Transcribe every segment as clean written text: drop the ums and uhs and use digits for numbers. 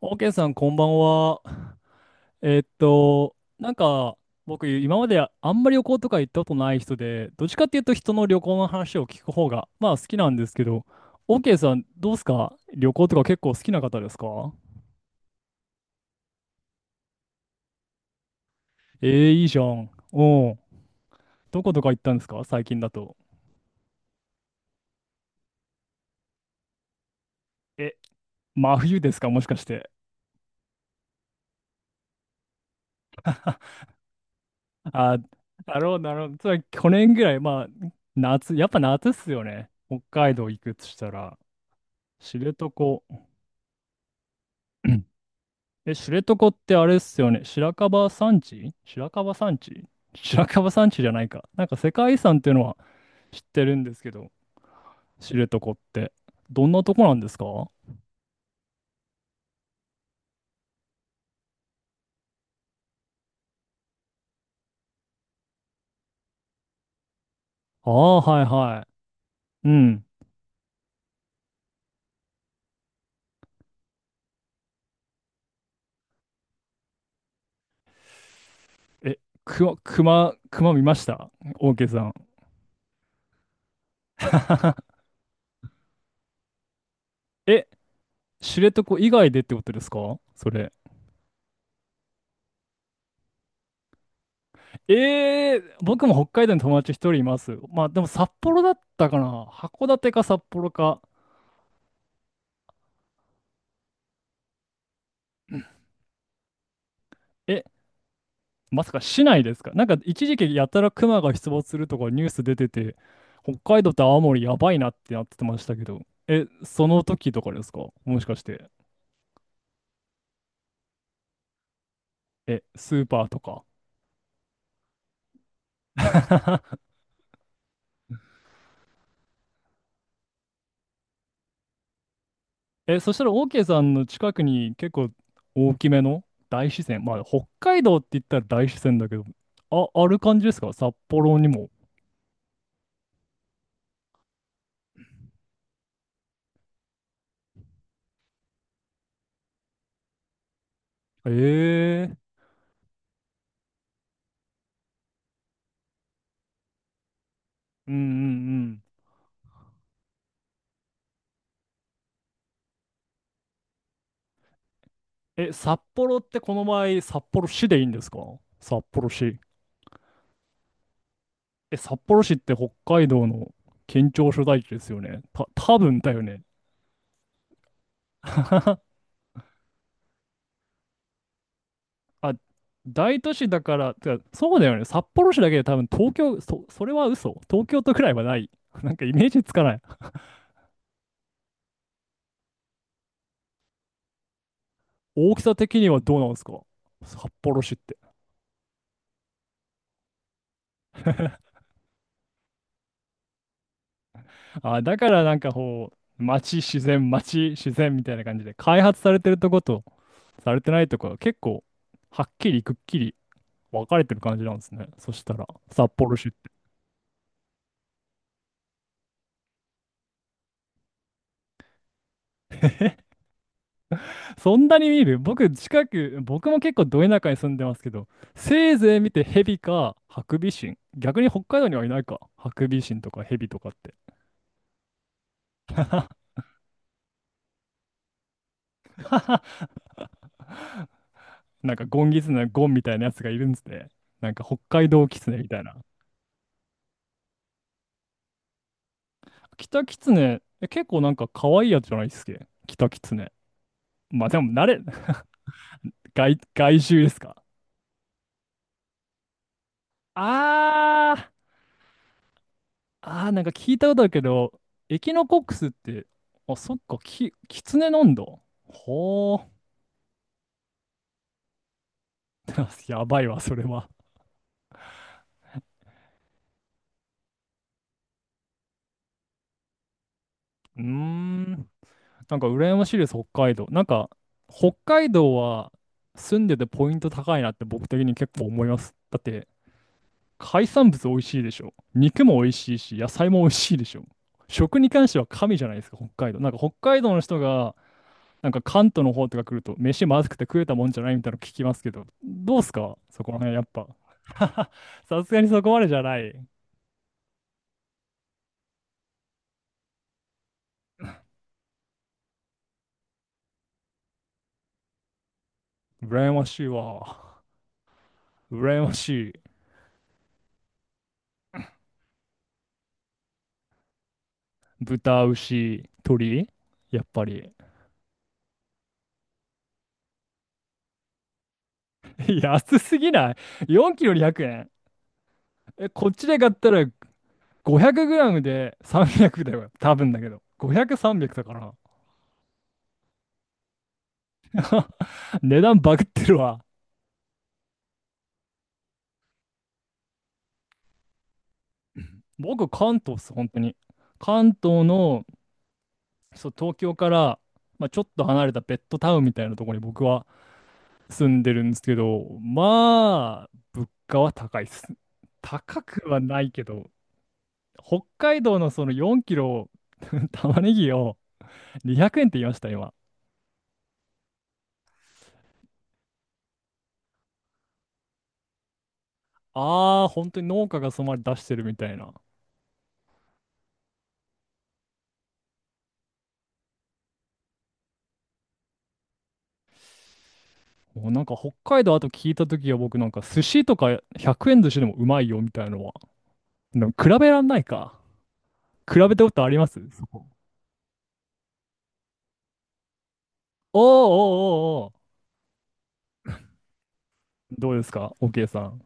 オーケーさん、こんばんは。なんか、僕、今まであんまり旅行とか行ったことない人で、どっちかっていうと人の旅行の話を聞く方が、まあ好きなんですけど、オーケーさん、どうすか、旅行とか結構好きな方ですか？えー、いいじゃん。おうん。どことか行ったんですか、最近だと。え、真冬ですか、もしかして。あ、なるほど、なるほど。つまり、去年ぐらい。まあ、夏、やっぱ夏っすよね、北海道行くとしたら。知床。え、知床ってあれっすよね。白樺山地じゃないか。なんか世界遺産っていうのは知ってるんですけど、知床って。どんなとこなんですか？ああー、はいはい。うん。え、くま熊、熊見ましたオーケーさん？え、知床以外でってことですか、それ。えー、僕も北海道に友達一人います。まあでも札幌だったかな。函館か札幌か。え、まさか市内ですか？なんか一時期やたらクマが出没するとかニュース出てて、北海道と青森やばいなってなってましたけど、え、その時とかですか、もしかして。え、スーパーとか。え、そしたら OK さんの近く、に結構大きめの大自然、まあ北海道って言ったら大自然だけど、あ、ある感じですか、札幌にも。ええ、うんうんうん。え、札幌ってこの場合、札幌市でいいんですか、札幌市。え、札幌市って北海道の県庁所在地ですよね。多分だよね。あ、大都市だから、てか、そうだよね。札幌市だけで多分東京、それは嘘。東京都くらいはない。なんかイメージつかない。大きさ的にはどうなんですか、札幌市って。あ、だからなんかこう、街、自然、街、自然みたいな感じで、開発されてるとこと、されてないとこが結構、はっきりくっきり分かれてる感じなんですね、そしたら、札幌市って。そんなに見る？僕、近く、僕も結構ど田舎に住んでますけど、せいぜい見てヘビかハクビシン。逆に北海道にはいないか、ハクビシンとかヘビとかって。なんかゴンギツネのゴンみたいなやつがいるんですね。なんか北海道キツネみたいな。キタキツネ、え、結構なんか可愛いやつじゃないっすけ、キタキツネ。まあでも慣れ、外、外周ですか。あー、あー、なんか聞いたことあるけど、エキノコックスって。あ、そっか、キキツネなんだ。ほー。やばいわ、それは。うーん。なんか羨ましいです、北海道。なんか、北海道は住んでてポイント高いなって僕的に結構思います。だって、海産物美味しいでしょ。肉も美味しいし、野菜も美味しいでしょ。食に関しては神じゃないですか、北海道。なんか北海道の人が、なんか関東の方とか来ると、飯まずくて食えたもんじゃないみたいなの聞きますけど、どうすかそこら辺、やっぱ。さすがにそこまでじゃない。羨ましいわ。羨ましい。豚、牛、鳥やっぱり。安すぎない？ 4 キロ200円。え、こっちで買ったら500グラムで300だよ、多分だけど。500、300だから。値段バグってるわ。僕、関東っす、本当に。関東の、そう、東京から、まあ、ちょっと離れたベッドタウンみたいなところに僕は住んでるんですけど、まあ、物価は高いっす。高くはないけど、北海道のその4キロ 玉ねぎを200円って言いました、今。ああ、本当に農家がそのまで出してるみたいな。もうなんか北海道あと聞いた時は、僕、なんか寿司とか100円寿司でもうまいよみたいなのは。でも比べらんないか。比べたことありますそこ。おーおーおーおー。どうですか、 OK さん？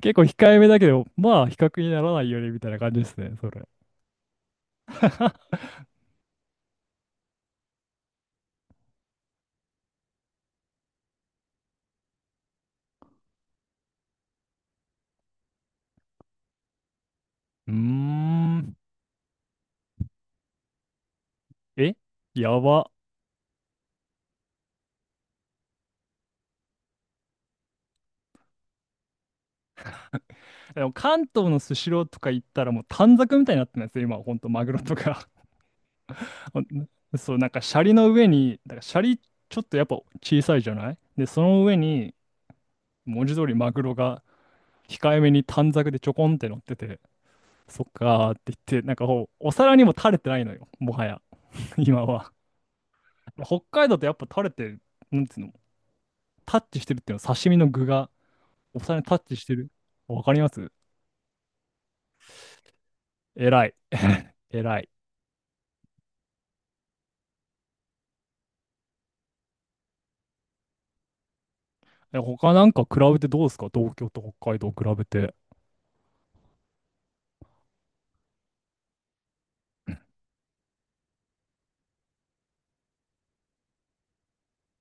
結構控えめだけど、まあ比較にならないよねみたいな感じですね、それ。うーん。え、やば。でも関東のスシローとか行ったらもう短冊みたいになってるんですよ、今はほんとマグロとか。そう、なんかシャリの上に、だからシャリちょっとやっぱ小さいじゃないで、その上に文字通りマグロが控えめに短冊でちょこんって乗ってて、そっかーって言って、なんかこう、お皿にも垂れてないのよ、もはや、今は。北海道ってやっぱ垂れて、なんつうの、タッチしてるっていうのは、刺身の具がお皿にタッチしてる。わかります。偉い。偉い。え、他なんか比べてどうですか、東京と北海道比べて。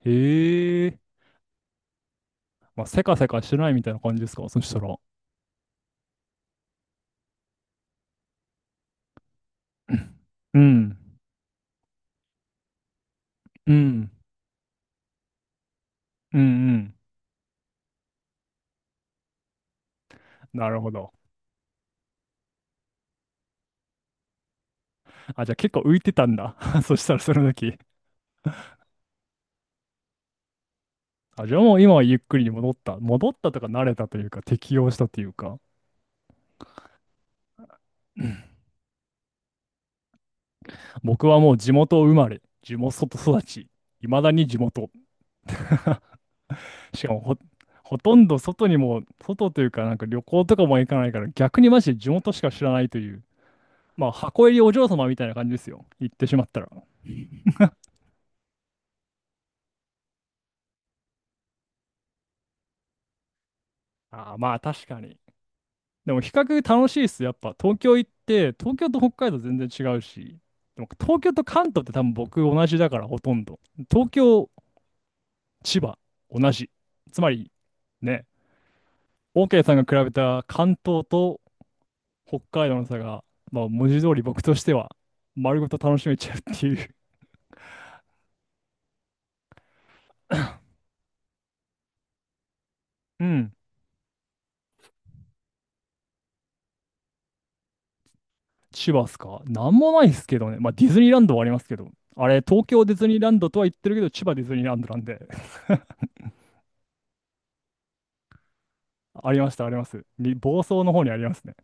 へえ。まあ、せかせかしてないみたいな感じですか、そしたら。うん。うん。うんうん。なるほど。あ、じゃあ結構浮いてたんだ。そしたら、その時。あ、じゃあもう今はゆっくりに戻った、戻ったとか、慣れたというか適応したというか。うん、僕はもう地元生まれ、地元育ち、いまだに地元。しかもほとんど外にも、外というかなんか旅行とかも行かないから、逆にマジで地元しか知らないという。まあ、箱入りお嬢様みたいな感じですよ、言ってしまったら。ああ、まあ確かに。でも比較楽しいっす。やっぱ東京行って、東京と北海道全然違うし、でも東京と関東って多分僕同じだからほとんど。東京、千葉、同じ。つまり、ね、OK さんが比べた関東と北海道の差が、まあ文字通り僕としては丸ごと楽しめちゃうっていう。うん。千葉っすか、なんもないっすけどね。まあ、ディズニーランドはありますけど。あれ、東京ディズニーランドとは言ってるけど、千葉ディズニーランドなんで。ありました、あります。に、房総の方にありますね。